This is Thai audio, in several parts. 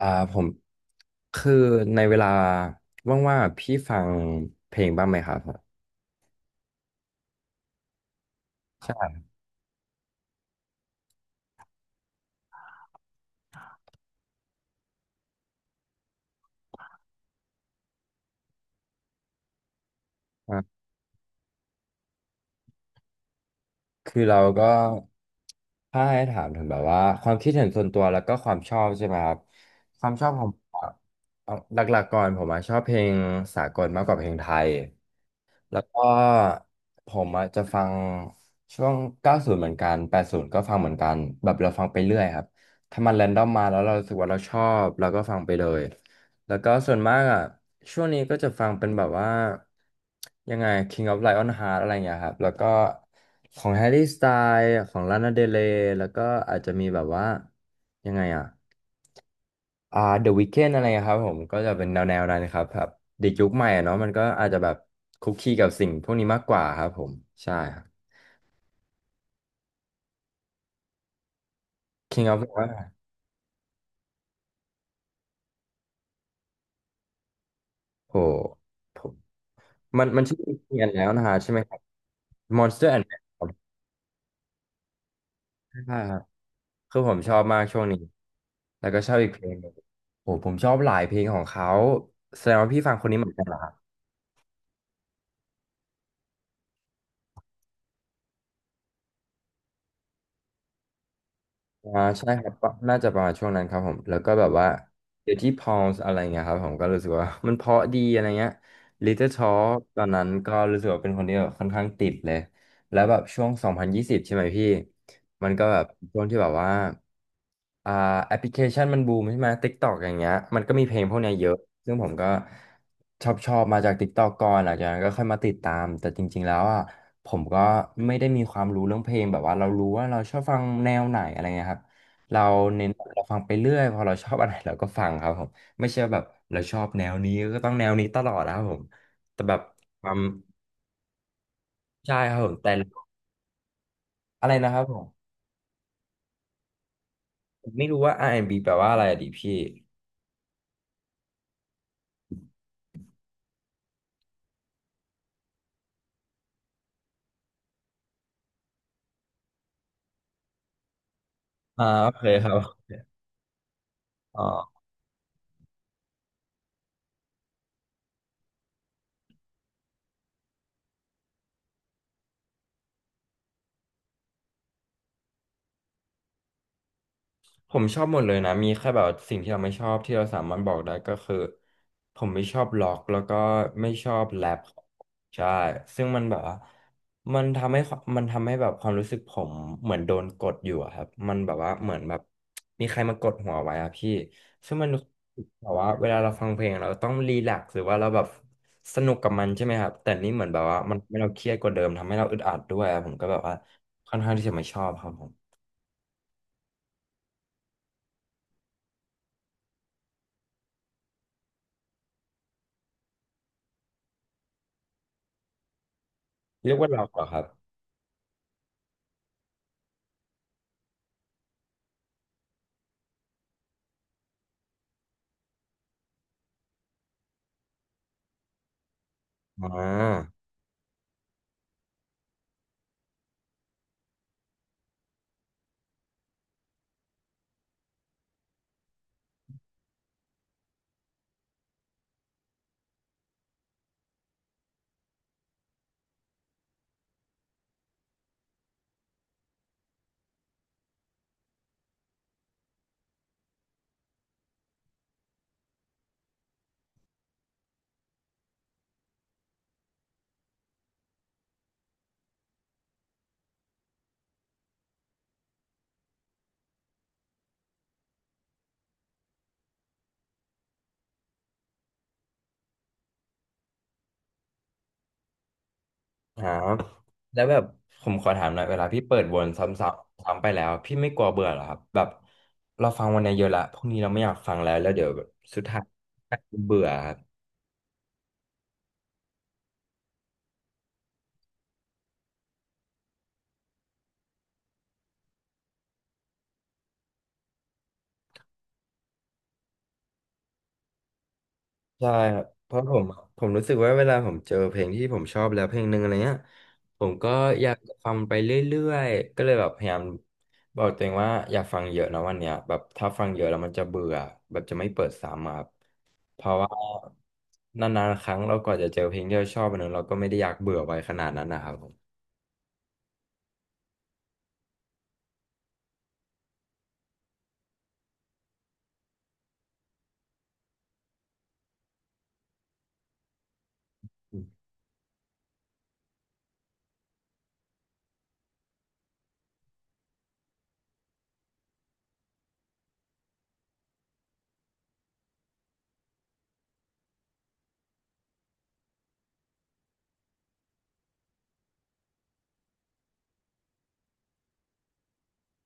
อ่าผมคือในเวลาว่างๆอะพี่ฟังเพลงบ้างไหมครับผมอ่าคือเราก็ถ้าให้ถามถึงแบบว่าความคิดเห็นส่วนตัวแล้วก็ความชอบใช่ไหมครับความชอบของผมอะเอาหลักๆก่อนผมอะชอบเพลงสากลมากกว่าเพลงไทยแล้วก็ผมอะจะฟังช่วง90เหมือนกัน80ก็ฟังเหมือนกันแบบเราฟังไปเรื่อยครับถ้ามันแรนดอมมาแล้วเรารู้สึกว่าเราชอบเราก็ฟังไปเลย แล้วก็ส่วนมากอ่ะช่วงนี้ก็จะฟังเป็นแบบว่ายังไง King of Lion Heart อะไรอย่างเงี้ยครับแล้วก็ของ Harry Styles ของ Lana Del Rey แล้วก็อาจจะมีแบบว่ายังไงอ่ะThe Weeknd อะไรอะครับผมก็จะเป็นแนวนั้นครับแบบเด็กยุคใหม่อะเนาะมันก็อาจจะแบบคุกคีกับสิ่งพวกนี้มากกว่าครับผมใช่ครับ King of Lion โหผมมันชื่อเปลี่ยนแล้วนะฮะใช่ไหมครับ Monster and Men ครับใช่ครับ คือผมชอบมากช่วงนี้ แล้วก็ชอบอีกเพลงหนึ่งโอ้ผมชอบหลายเพลงของเขาแสดงว่าพี่ฟังคนนี้เหมือนกันเหรอ อ่าใช่ครับปะน่าจะประมาณช่วงนั้นครับผมแล้วก็แบบว่าเดี๋ยวที่พอลส์อะไรเงี้ยครับผมก็รู้สึกว่า มันเพราะดีอะไรเงี้ย Little Talk ตอนนั้นก็รู้สึกว่าเป็นคนที่แบบค่อนข้างติดเลยแล้วแบบช่วง2020ใช่ไหมพี่มันก็แบบช่วงที่แบบว่าอ่าแอปพลิเคชันมันบูมใช่ไหม TikTok อย่างเงี้ยมันก็มีเพลงพวกเนี้ยเยอะซึ่งผมก็ชอบมาจาก TikTok ก่อนหลังจากนั้นก็ค่อยมาติดตามแต่จริงๆแล้วอ่ะ ผมก็ไม่ได้มีความรู้เรื่องเพลงแบบว่าเรารู้ว่าเราชอบฟังแนวไหนอะไรเงี้ยครับเราเน้นเราฟังไปเรื่อยพอเราชอบอะไรเราก็ฟังครับผมไม่ใช่แบบเราชอบแนวนี้ก็ต้องแนวนี้ตลอดนะครับผมแต่แบบความใช่ครับผมแต่อะไรนะครับผมผมไม่รู้ว่า R&B แอนด์บีแปลว่าอะไรอะดิพี่อ่าโอเคครับอ๋อ ผมชอบหมดเลยนะมีแค่แบบสิ่งที่เราไม่ชอบที่เราสามารถบอกได้ก็คือผมไม่ชอบล็อกแล้วก็ไม่ชอบแรปใช่ซึ่งมันแบบว่ามันทำให้แบบความรู้สึกผมเหมือนโดนกดอยู่อะครับมันแบบว่าเหมือนแบบมีใครมากดหัวไว้อะพี่ซึ่งมันแบบว่าเวลาเราฟังเพลงเราต้องรีแลกซ์หรือว่าเราแบบสนุกกับมันใช่ไหมครับแต่นี่เหมือนแบบว่ามันทำให้เราเครียดกว่าเดิมทำให้เราอึดอัดด้วยอะผมก็แบบว่าค่อนข้างที่จะไม่ชอบครับผมเรียกว่าล็อกเหรอครับอ่า ครับแล้วแบบผมขอถามหน่อยเวลาพี่เปิดวนซ้ำๆซ้ำไปแล้วพี่ไม่กลัวเบื่อเหรอครับแบบเราฟังวันนี้เยอะละพรุ่งนี้เราไม่อยากฟังแล้วแล้วเดี๋ยวแบบสุดท้ายเบื่อครับใช่ครับเพราะผมรู้สึกว่าเวลาผมเจอเพลงที่ผมชอบแล้วเพลงหนึ่งอะไรเงี้ยผมก็อยากฟังไปเรื่อยๆก็เลยแบบพยายามบอกตัวเองว่าอย่าฟังเยอะนะวันเนี้ยแบบถ้าฟังเยอะแล้วมันจะเบื่อแบบจะไม่เปิดซ้ำอะครับ เพราะว่านานๆครั้งเรากว่าจะเจอเพลงที่เราชอบอันนั้นเราก็ไม่ได้อยากเบื่อไปขนาดนั้นนะครับผม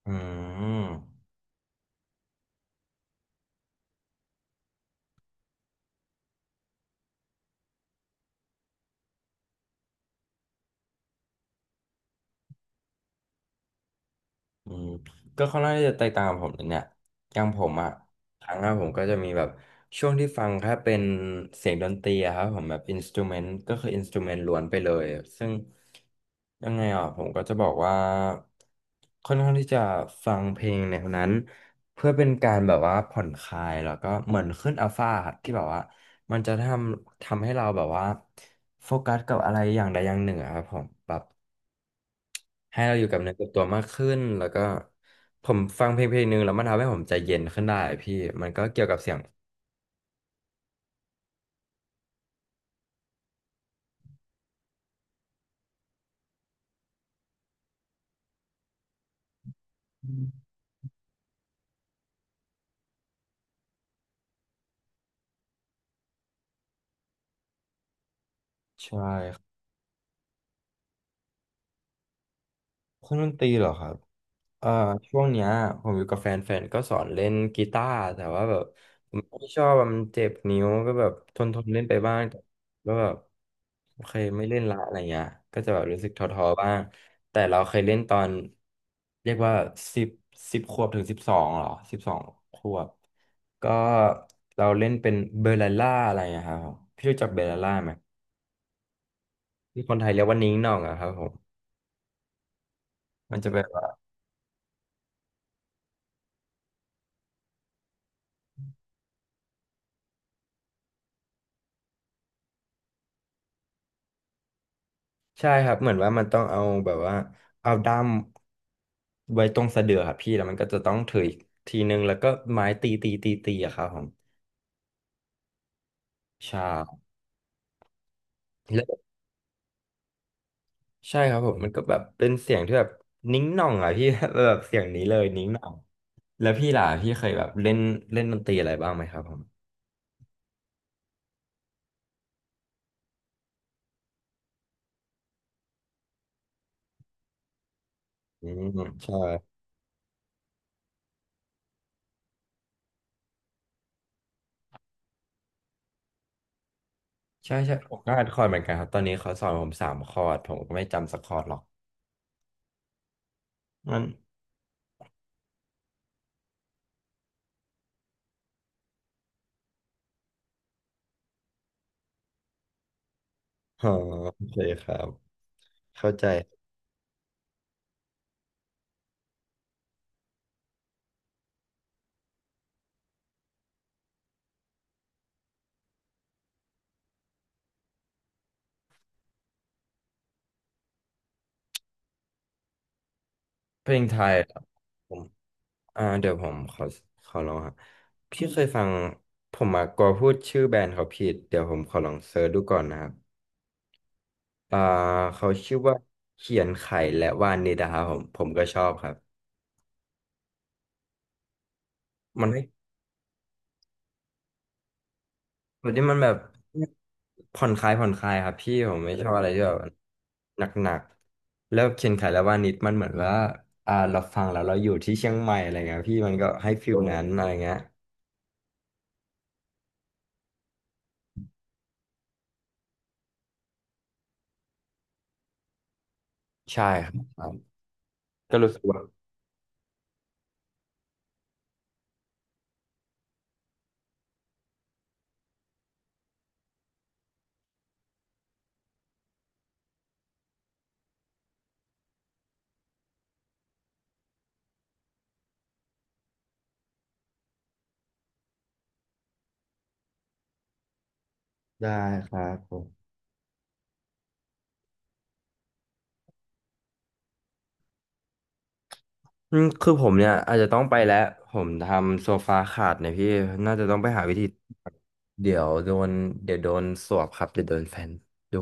อืม อืมก็ค่อนข้างที่จะแตกต่างกับผมเลยเนี่ยอย่างผมอ่ะครั้งแรผมก็จะมีแบบช่วงที่ฟังแค่เป็นเสียงดนตรีอะครับผมแบบอินสตูเมนต์ก็คืออินสตูเมนต์ล้วนไปเลย ซึ่งยังไงอ่ะผมก็จะบอกว่าค่อนข้างที่จะฟังเพลงแนวนั้นเพื่อเป็นการแบบว่าผ่อนคลายแล้วก็เหมือนขึ้นอัลฟาครับที่แบบว่ามันจะทำให้เราแบบว่าโฟกัสกับอะไรอย่างใดอย่างหนึ่งอะครับผมแบบ ให้เราอยู่กับเนื้อกับตัวมากขึ้นแล้วก็ผมฟังเพลงหนึ่งแล้วมันทำให้ผมใจเย็นขึ้นได้พี่มันก็เกี่ยวกับเสียงใช่ครับเครื่องดนตรีเหรอครับ เอ่อช่วงเนี้ยผมอยู่กับแฟนก็สอนเล่นกีตาร์แต่ว่าแบบผมไม่ชอบอะมันเจ็บนิ้วก็แบบทนเล่นไปบ้างแล้วแบบโอเคไม่เล่นละอะไรเงี้ยก็จะแบบรู้สึกท้อๆบ้างแต่เราเคยเล่นตอนเรียกว่าสิบสิบขวบถึงสิบสองหรอสิบสองขวบก็เราเล่นเป็นเบลล่าอะไรอะครับผมพี่รู้จักเบลล่าไหมที่คนไทยเรียกว่านิ้งหน่องอะครับผมมันจะแบบว่า ใช่ครับเหมือนว่ามันต้องเอาแบบว่าเอาด้ามไว้ตรงสะเดือครับพี่แล้วมันก็จะต้องถืออีกทีนึงแล้วก็ไม้ตีตีอะครับผมใช่แล้วใช่ครับผมมันก็แบบเป็นเสียงที่แบบนิ้งหน่องอะพี่ แบบเสียงนี้เลยนิ้งหน่องแล้วพี่ล่ะพี่เคยแบบเล่นเล่นดนตรีอะไรบ้างไหมครับผมอืมใช่ใช่ผมก็อ่คอร์ดเหมือนกันครับตอนนี้เขาสอนผมสามคอร์ดผมก็ไม่จำสักคอร์ดหรอกมันอ๋อโอเคครับเข้าใจเพลงไทยเหรอ เดี๋ยวผมขอลองฮะพี่เคยฟังผมมากลัวพูดชื่อแบรนด์เขาผิดเดี๋ยวผมขอลองเซิร์ชดูก่อนนะครับอ่าเขาชื่อว่าเขียนไข่และวานิดาครับผมผมก็ชอบครับมันให้แบบที่มันแบบผ่อนคลายครับพี่ผมไม่ชอบอะไรที่แบบหนักๆแล้วเขียนไข่และวานิดมันเหมือนว่าเราฟังแล้วเราอยู่ที่เชียงใหม่อะไรเงี้ยพี่มันก็ให้ฟิลนั้นอะไรเงี้ยใช่ครับครับก็รู้สึกว่าได้ครับผม อืมคือผมเนี่ยอาจจะต้องไปแล้วผมทำโซฟาขาดเนี่ยพี่น่าจะต้องไปหาวิธีเดี๋ยวโดนเดี๋ยวโดนสวบครับเดี๋ยวโดนแฟนดู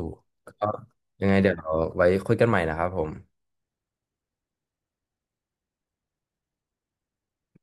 ก็ยังไงเดี๋ยวเอาไว้คุยกันใหม่นะครับผม